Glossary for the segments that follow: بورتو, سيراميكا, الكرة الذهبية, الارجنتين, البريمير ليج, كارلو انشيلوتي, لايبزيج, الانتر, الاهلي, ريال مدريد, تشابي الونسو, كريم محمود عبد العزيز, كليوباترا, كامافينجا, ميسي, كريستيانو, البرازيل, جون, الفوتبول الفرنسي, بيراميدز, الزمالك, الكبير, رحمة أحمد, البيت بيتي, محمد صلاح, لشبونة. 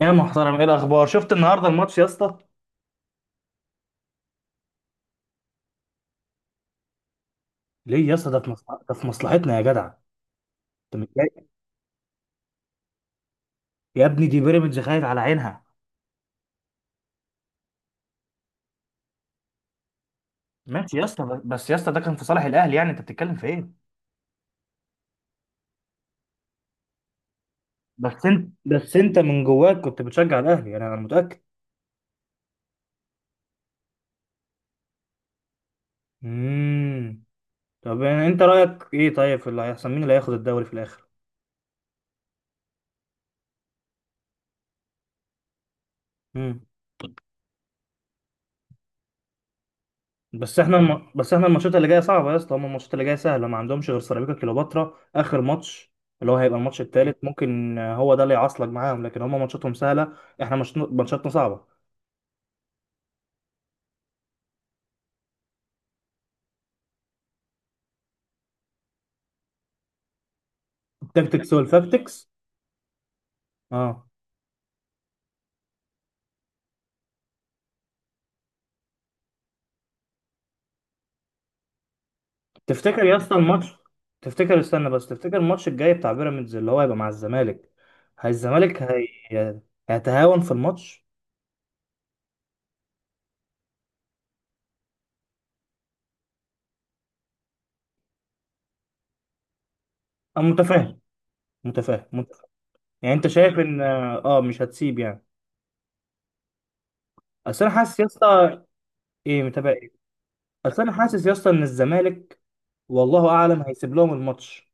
يا محترم، ايه الاخبار؟ شفت النهارده الماتش يا اسطى؟ ليه يا اسطى؟ ده في مصلحة، ده في مصلحتنا يا جدع. انت متضايق؟ يا ابني، دي بيراميدز خايف على عينها. ماشي يا اسطى، بس يا اسطى ده كان في صالح الاهلي، يعني انت بتتكلم في ايه؟ بس انت من جواك كنت بتشجع الاهلي، انا متاكد. امم. طب يعني انت رايك ايه طيب في اللي هيحصل؟ مين اللي هياخد الدوري في الاخر؟ امم. بس احنا الماتشات اللي جايه صعبه يا اسطى، هم الماتشات اللي جايه سهله، ما عندهمش غير سيراميكا كليوباترا اخر ماتش، اللي هو هيبقى الماتش الثالث. ممكن هو ده اللي يعصلك معاهم، لكن هم ماتشاتهم سهله. احنا مش... ماتشاتنا صعبه. التكتكس والفاكتكس. اه. تفتكر يا اسطى الماتش تفتكر استنى بس تفتكر الماتش الجاي بتاع بيراميدز اللي هو هيبقى مع الزمالك؟ هي الزمالك هي... هيتهاون في الماتش؟ انا متفاهم، متفاهم، متفاهم. يعني انت شايف ان اه مش هتسيب يعني. اصل انا حاسس يا اسطى. ايه، متابع. بس انا حاسس يا اسطى ان الزمالك، والله اعلم، هيسيب لهم الماتش.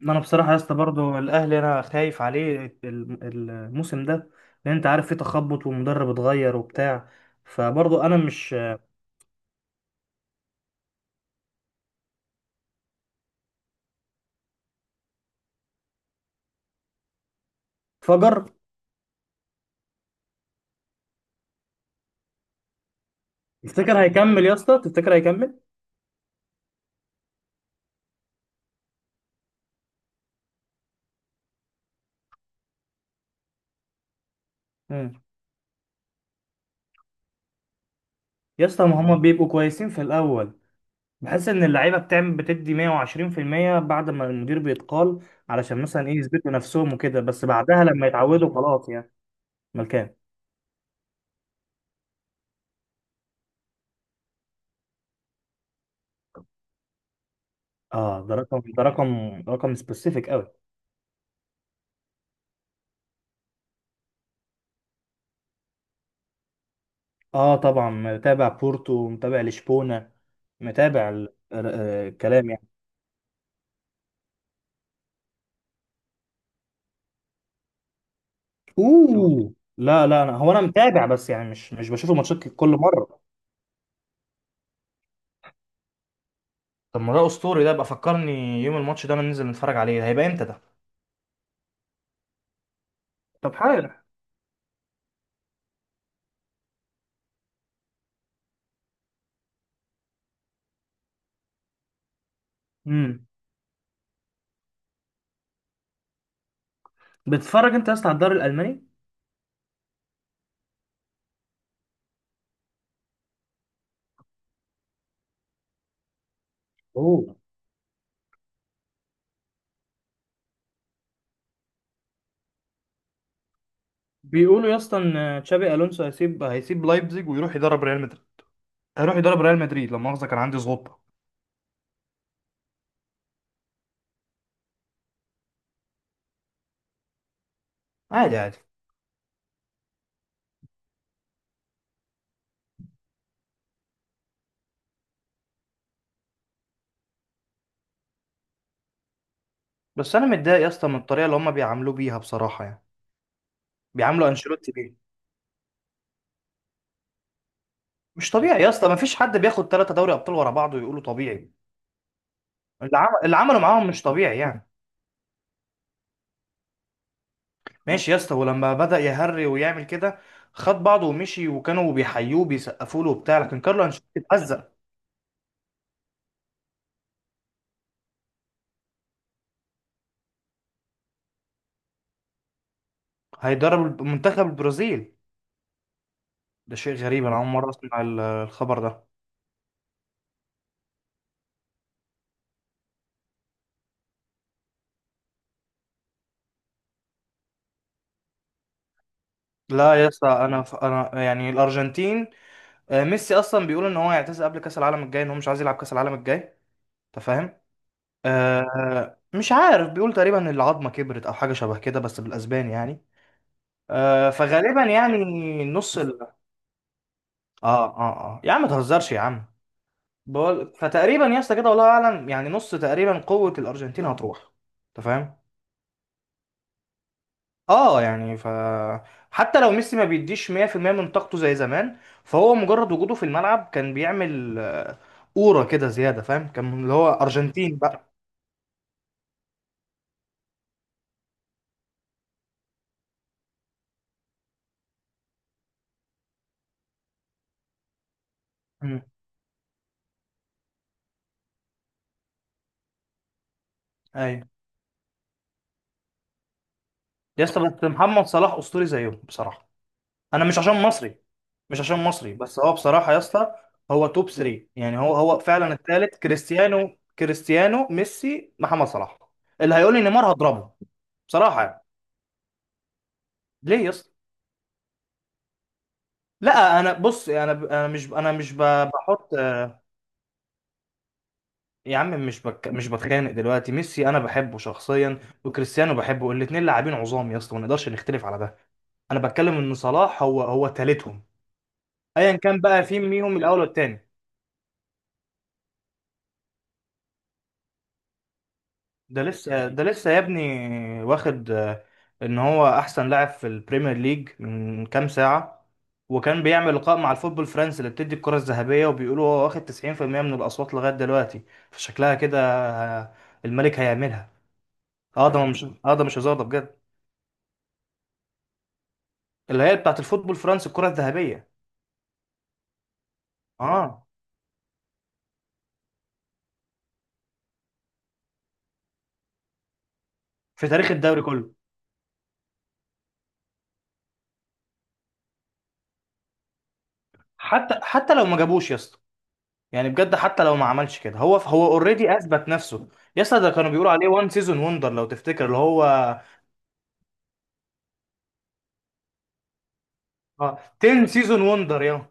ما انا بصراحه يا اسطى برضه الاهلي انا خايف عليه الموسم ده، لان انت عارف في تخبط والمدرب اتغير وبتاع، فبرضه انا مش فجر. تفتكر هيكمل يا اسطى؟ تفتكر هيكمل؟ امم. يا اسطى، ما هم بيبقوا كويسين في الاول. بحس ان اللعيبه بتدي 120% بعد ما المدير بيتقال، علشان مثلا ايه، يثبتوا نفسهم وكده. بس بعدها لما يتعودوا خلاص يعني. ملكان. اه، ده رقم، رقم سبيسيفيك قوي. اه طبعا، متابع بورتو، متابع لشبونة، متابع الكلام يعني. اوه، لا لا، انا متابع، بس يعني مش بشوف الماتشات كل مرة. طب ما ده اسطوري، ده بقى فكرني يوم الماتش ده. انا ننزل نتفرج عليه، ده هيبقى امتى ده؟ طب حلو. امم. بتتفرج انت يا اسطى على الدوري الالماني؟ اوه. بيقولوا يا اسطى ان تشابي الونسو هيسيب لايبزيج ويروح يدرب ريال مدريد. هيروح يدرب ريال مدريد، لا مؤاخذة كان عندي سقطة. عادي عادي. بس انا متضايق يا اسطى من الطريقه اللي هم بيعاملوه بيها بصراحه يعني. بيعاملوا انشيلوتي مش طبيعي يا اسطى، ما فيش حد بياخد 3 دوري ابطال ورا بعض ويقولوا طبيعي. اللي عملوا معاهم مش طبيعي يعني. ماشي يا اسطى، ولما بدأ يهري ويعمل كده خد بعضه ومشي، وكانوا بيحيوه بيسقفوا له وبتاع، لكن كارلو انشيلوتي اتأذى. هيدرب منتخب البرازيل. ده شيء غريب، انا اول مرة اسمع الخبر ده. لا يا اسطى، انا يعني الارجنتين. ميسي اصلا بيقول ان هو هيعتزل قبل كاس العالم الجاي، ان هو مش عايز يلعب كاس العالم الجاي، انت فاهم؟ مش عارف، بيقول تقريبا العظمه كبرت او حاجه شبه كده بس بالاسباني يعني. فغالبا يعني نص ال... اه اه. اه يا عم، ما تهزرش يا عم. بقول، فتقريبا يا اسطى كده والله اعلم، يعني نص تقريبا قوة الارجنتين هتروح، انت فاهم؟ اه يعني ف. حتى لو ميسي ما بيديش 100% من طاقته زي زمان، فهو مجرد وجوده في الملعب كان بيعمل أورا كده زيادة، فاهم، كان اللي هو ارجنتين بقى. مم. ايوه. يا اسطى، بس محمد صلاح اسطوري زيهم بصراحة. انا مش عشان مصري، مش عشان مصري، بس هو بصراحه يا اسطى، هو توب 3. يعني هو فعلا الثالث، كريستيانو، ميسي، محمد صلاح. اللي هيقول لي نيمار هضربه، بصراحه يعني. ليه يا اسطى؟ لا انا بص، انا انا مش انا مش ب- بحط. يا عم، مش بك مش بتخانق دلوقتي. ميسي انا بحبه شخصيا، وكريستيانو بحبه، الاثنين لاعبين عظام يا اسطى، ما نقدرش نختلف على ده. انا بتكلم ان صلاح هو ثالثهم، ايا كان بقى في ميهم الاول والثاني. ده لسه يا ابني، واخد ان هو احسن لاعب في البريمير ليج من كام ساعة، وكان بيعمل لقاء مع الفوتبول الفرنسي اللي بتدي الكرة الذهبية، وبيقولوا هو واخد 90% من الأصوات لغاية دلوقتي. فشكلها كده، آه، الملك هيعملها. اه ده مش هزار، ده بجد. اللي هي بتاعت الفوتبول الفرنسي، الكرة الذهبية. اه، في تاريخ الدوري كله. حتى لو ما جابوش يا اسطى، يعني بجد حتى لو ما عملش كده، هو اوريدي اثبت نفسه. يا اسطى ده كانوا بيقولوا عليه وان سيزون وندر لو تفتكر اللي هو اه 10 سيزون وندر يا.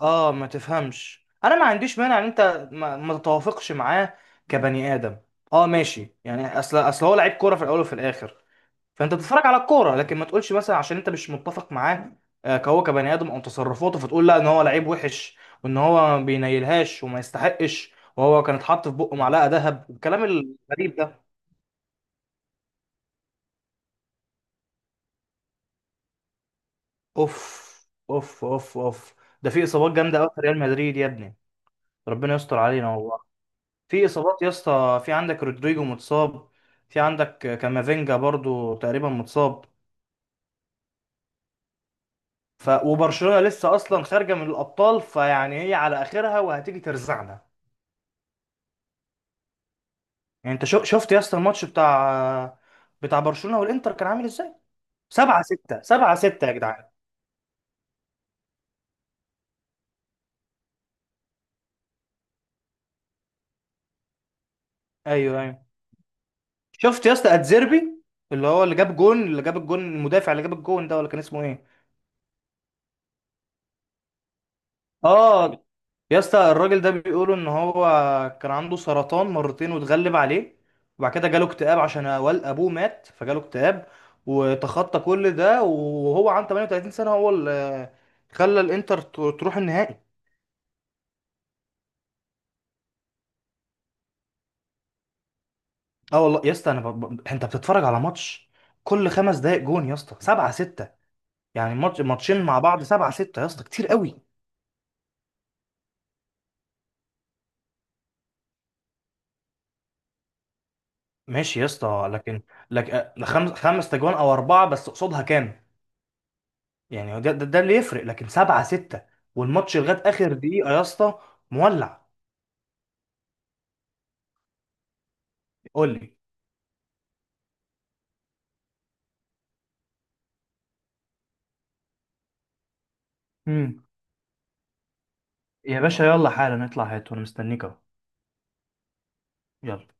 اه ما تفهمش، انا ما عنديش مانع ان انت ما تتوافقش معاه كبني ادم. اه ماشي يعني، اصل هو لعيب كوره في الاول وفي الاخر، فانت بتتفرج على الكوره، لكن ما تقولش مثلا عشان انت مش متفق معاه كهو كبني ادم او تصرفاته، فتقول لا ان هو لعيب وحش وان هو ما بينيلهاش وما يستحقش. وهو كان اتحط في بقه معلقه ذهب، والكلام الغريب ده. اوف اوف اوف اوف. ده في اصابات جامده قوي في ريال مدريد يا ابني، ربنا يستر علينا والله. في اصابات يا اسطى، في عندك رودريجو متصاب، في عندك كامافينجا برضو تقريبا متصاب. وبرشلونة لسه اصلا خارجة من الابطال، فيعني هي على اخرها وهتيجي ترزعنا. يعني انت شفت يا اسطى الماتش بتاع برشلونة والانتر كان عامل ازاي؟ 7-6 7-6 يا جدعان. ايوه ايوه. شفت يا اسطى اتزيربي، اللي هو اللي جاب الجون المدافع، اللي جاب الجون ده، ولا كان اسمه ايه؟ اه، يا اسطى الراجل ده بيقولوا ان هو كان عنده سرطان مرتين واتغلب عليه، وبعد كده جاله اكتئاب عشان ابوه مات، فجاله اكتئاب، وتخطى كل ده وهو عنده 38 سنة. هو اللي خلى الانتر تروح النهائي. اه والله يا اسطى، انت بتتفرج على ماتش، كل 5 دقايق جون يا اسطى، 7-6. يعني ماتش ماتشين مع بعض 7-6 يا اسطى، كتير قوي. ماشي يا اسطى، لكن لك خمس تجوان او 4، بس قصادها كام؟ يعني هو ده اللي يفرق، لكن 7-6 والماتش لغاية آخر دقيقة يا اسطى مولع. قول لي. امم. يا باشا، يلا حالا نطلع، هات وانا مستنيك اهو. يلا.